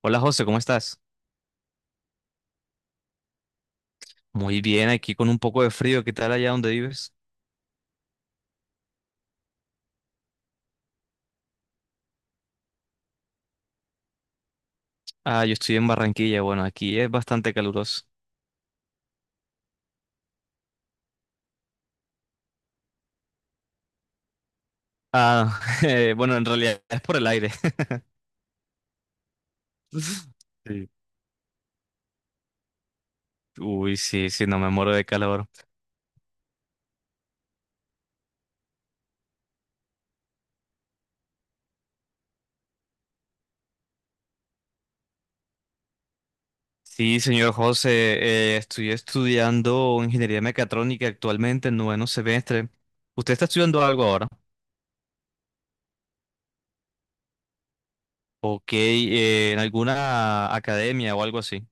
Hola José, ¿cómo estás? Muy bien, aquí con un poco de frío. ¿Qué tal allá donde vives? Ah, yo estoy en Barranquilla. Bueno, aquí es bastante caluroso. Ah, bueno, en realidad es por el aire. Sí. Uy, sí, sí, no me muero de calor. Sí, señor José, estoy estudiando ingeniería mecatrónica actualmente en noveno semestre. ¿Usted está estudiando algo ahora? Ok, en alguna academia o algo así.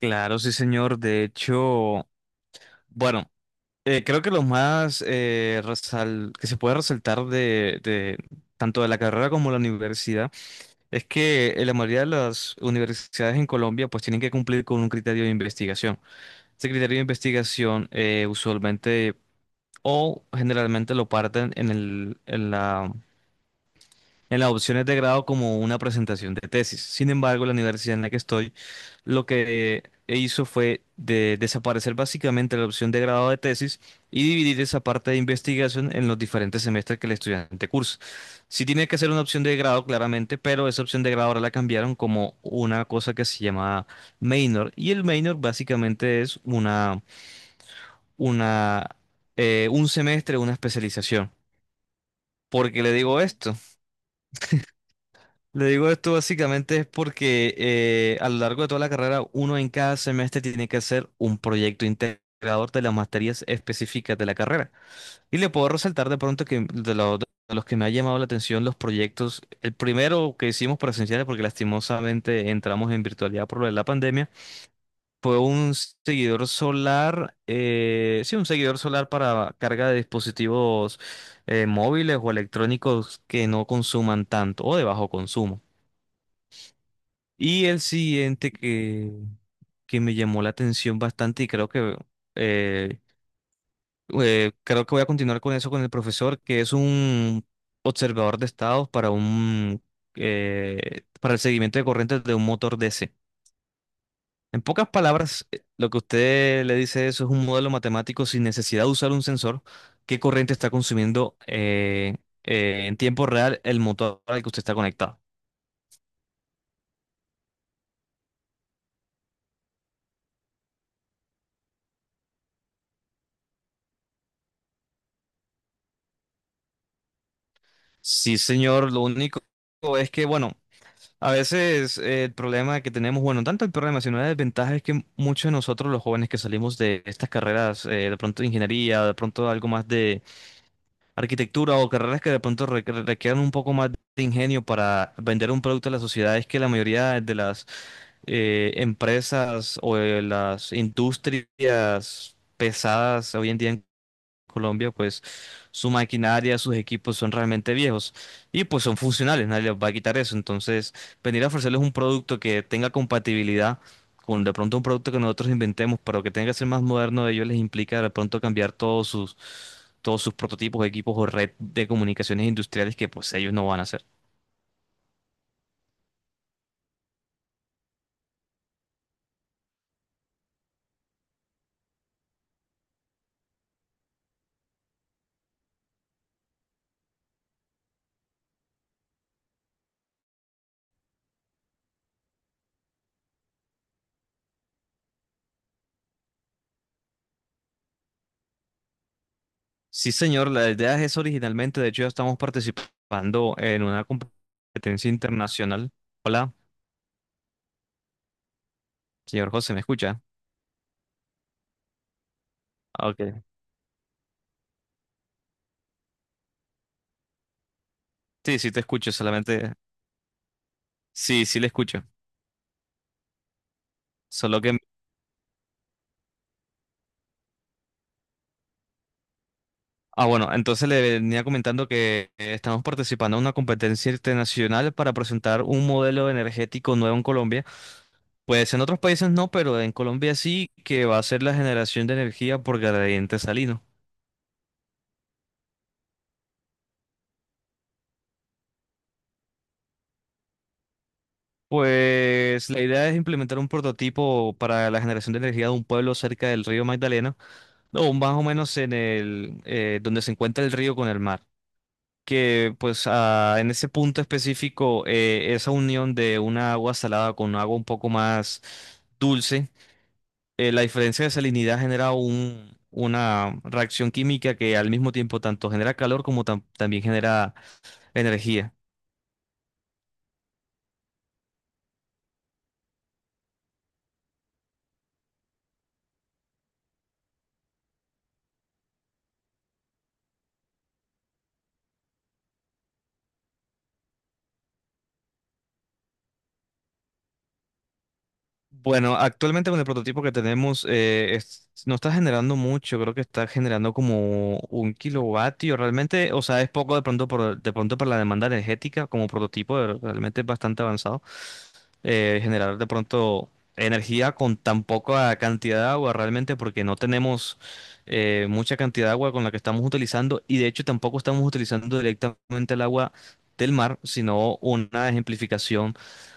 Claro, sí, señor. De hecho, bueno. Creo que lo más que se puede resaltar de tanto de la carrera como la universidad es que la mayoría de las universidades en Colombia pues tienen que cumplir con un criterio de investigación. Ese criterio de investigación usualmente o generalmente lo parten el, en las opciones de grado como una presentación de tesis. Sin embargo, la universidad en la que estoy lo que hizo fue de desaparecer básicamente la opción de grado de tesis y dividir esa parte de investigación en los diferentes semestres que el estudiante cursa. Sí tiene que ser una opción de grado, claramente, pero esa opción de grado ahora la cambiaron como una cosa que se llama minor. Y el minor básicamente es una, un semestre, una especialización. ¿Por qué le digo esto? Le digo esto básicamente es porque a lo largo de toda la carrera, uno en cada semestre tiene que hacer un proyecto integrador de las materias específicas de la carrera. Y le puedo resaltar de pronto que de, lo- de los que me ha llamado la atención los proyectos, el primero que hicimos presenciales, porque lastimosamente entramos en virtualidad por lo de la pandemia, fue un seguidor solar, sí, un seguidor solar para carga de dispositivos móviles o electrónicos que no consuman tanto o de bajo consumo. Y el siguiente que me llamó la atención bastante y eh, creo que voy a continuar con eso con el profesor, que es un observador de estados para un para el seguimiento de corrientes de un motor DC. En pocas palabras, lo que usted le dice eso es un modelo matemático sin necesidad de usar un sensor, qué corriente está consumiendo en tiempo real el motor al que usted está conectado. Sí, señor, lo único es que, bueno, a veces el problema que tenemos, bueno, tanto el problema, sino la desventaja es que muchos de nosotros, los jóvenes que salimos de estas carreras, de pronto de ingeniería, de pronto algo más de arquitectura o carreras que de pronto requieran un poco más de ingenio para vender un producto a la sociedad, es que la mayoría de las empresas o de las industrias pesadas hoy en día Colombia, pues su maquinaria, sus equipos son realmente viejos y pues son funcionales, nadie les va a quitar eso. Entonces, venir a ofrecerles un producto que tenga compatibilidad con de pronto un producto que nosotros inventemos, pero que tenga que ser más moderno de ellos, les implica de pronto cambiar todos sus prototipos, equipos o red de comunicaciones industriales que pues ellos no van a hacer. Sí, señor, la idea es eso originalmente, de hecho ya estamos participando en una competencia internacional. Hola, señor José, ¿me escucha? Ah, ok. Sí, sí te escucho, solamente. Sí, sí le escucho. Solo que... Ah, bueno, entonces le venía comentando que estamos participando en una competencia internacional para presentar un modelo energético nuevo en Colombia. Pues en otros países no, pero en Colombia sí, que va a ser la generación de energía por gradiente salino. Pues la idea es implementar un prototipo para la generación de energía de un pueblo cerca del río Magdalena, o más o menos en el donde se encuentra el río con el mar. Que pues ah, en ese punto específico esa unión de una agua salada con agua un poco más dulce, la diferencia de salinidad genera una reacción química que al mismo tiempo tanto genera calor como también genera energía. Bueno, actualmente con el prototipo que tenemos no está generando mucho, creo que está generando como un kilovatio realmente, o sea, es poco de pronto de pronto para la demanda energética como prototipo, realmente es bastante avanzado generar de pronto energía con tan poca cantidad de agua realmente porque no tenemos mucha cantidad de agua con la que estamos utilizando y de hecho tampoco estamos utilizando directamente el agua del mar, sino una ejemplificación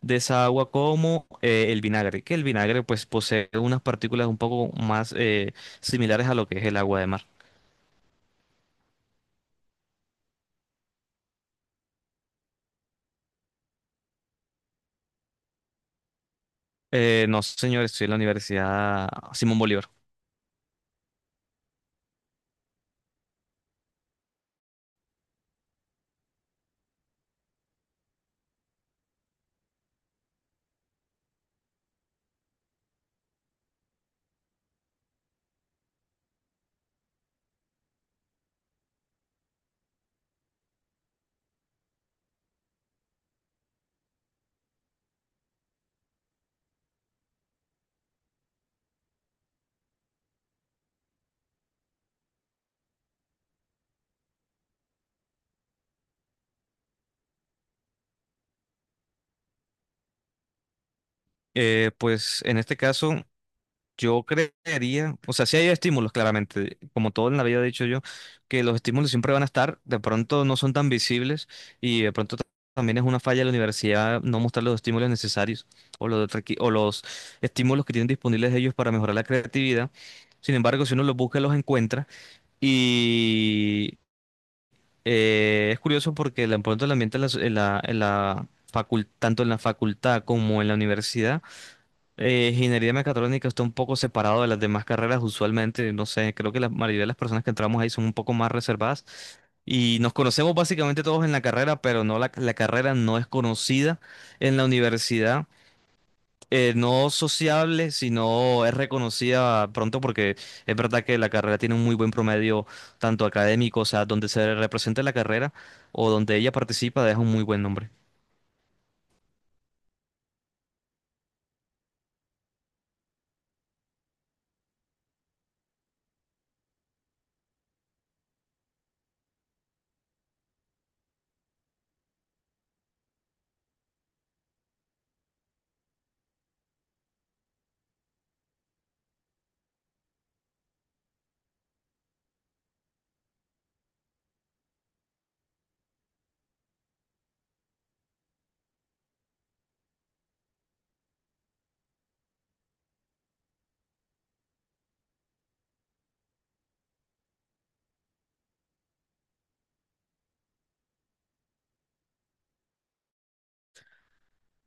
de esa agua como el vinagre, que el vinagre pues posee unas partículas un poco más similares a lo que es el agua de mar. No, señor, estoy en la Universidad Simón Bolívar. Pues en este caso yo creería, o sea, sí hay estímulos, claramente, como todo en la vida he dicho yo, que los estímulos siempre van a estar, de pronto no son tan visibles y de pronto también es una falla de la universidad no mostrar los estímulos necesarios o los estímulos que tienen disponibles ellos para mejorar la creatividad. Sin embargo, si uno los busca, los encuentra y es curioso porque de pronto el ambiente en tanto en la facultad como en la universidad, ingeniería mecatrónica está un poco separado de las demás carreras usualmente, no sé, creo que la mayoría de las personas que entramos ahí son un poco más reservadas y nos conocemos básicamente todos en la carrera, pero no la carrera no es conocida en la universidad, no sociable, sino es reconocida pronto porque es verdad que la carrera tiene un muy buen promedio tanto académico, o sea, donde se representa la carrera o donde ella participa, deja un muy buen nombre.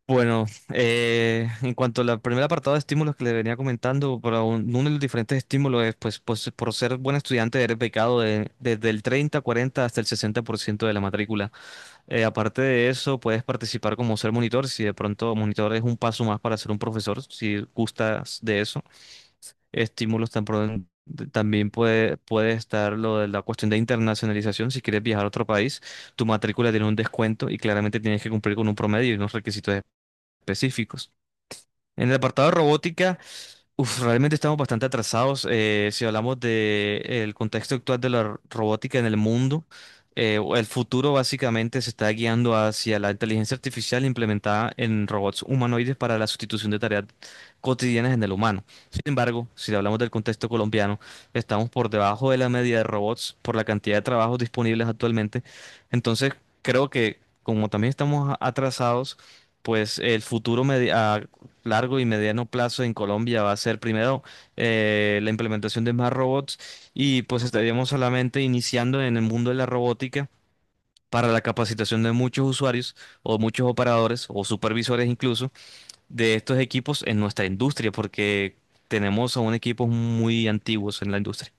Bueno, en cuanto al primer apartado de estímulos que le venía comentando, para uno de los diferentes estímulos es, pues, por ser buen estudiante eres becado desde el 30, 40 hasta el 60% de la matrícula. Aparte de eso, puedes participar como ser monitor, si de pronto monitor es un paso más para ser un profesor, si gustas de eso. Estímulos tan pro- también puede, puede estar lo de la cuestión de internacionalización, si quieres viajar a otro país, tu matrícula tiene un descuento y claramente tienes que cumplir con un promedio y unos requisitos específicos. En el apartado de robótica, uf, realmente estamos bastante atrasados. Si hablamos de el contexto actual de la robótica en el mundo, o el futuro básicamente se está guiando hacia la inteligencia artificial implementada en robots humanoides para la sustitución de tareas cotidianas en el humano. Sin embargo, si hablamos del contexto colombiano, estamos por debajo de la media de robots por la cantidad de trabajos disponibles actualmente. Entonces, creo que como también estamos atrasados, pues el futuro a largo y mediano plazo en Colombia va a ser primero la implementación de más robots y pues estaríamos solamente iniciando en el mundo de la robótica para la capacitación de muchos usuarios o muchos operadores o supervisores incluso de estos equipos en nuestra industria porque tenemos aún equipos muy antiguos en la industria.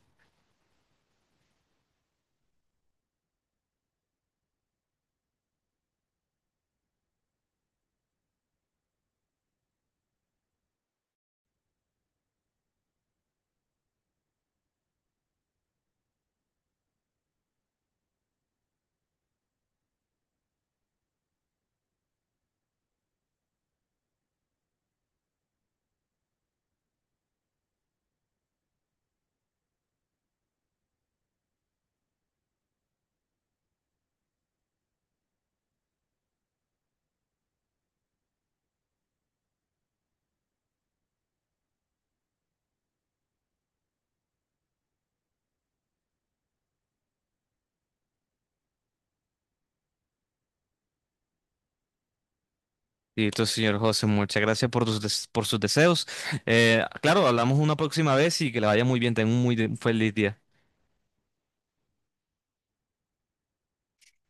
Y entonces, señor José, muchas gracias por por sus deseos. Claro, hablamos una próxima vez y que le vaya muy bien. Tenga un muy feliz día.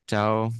Chao.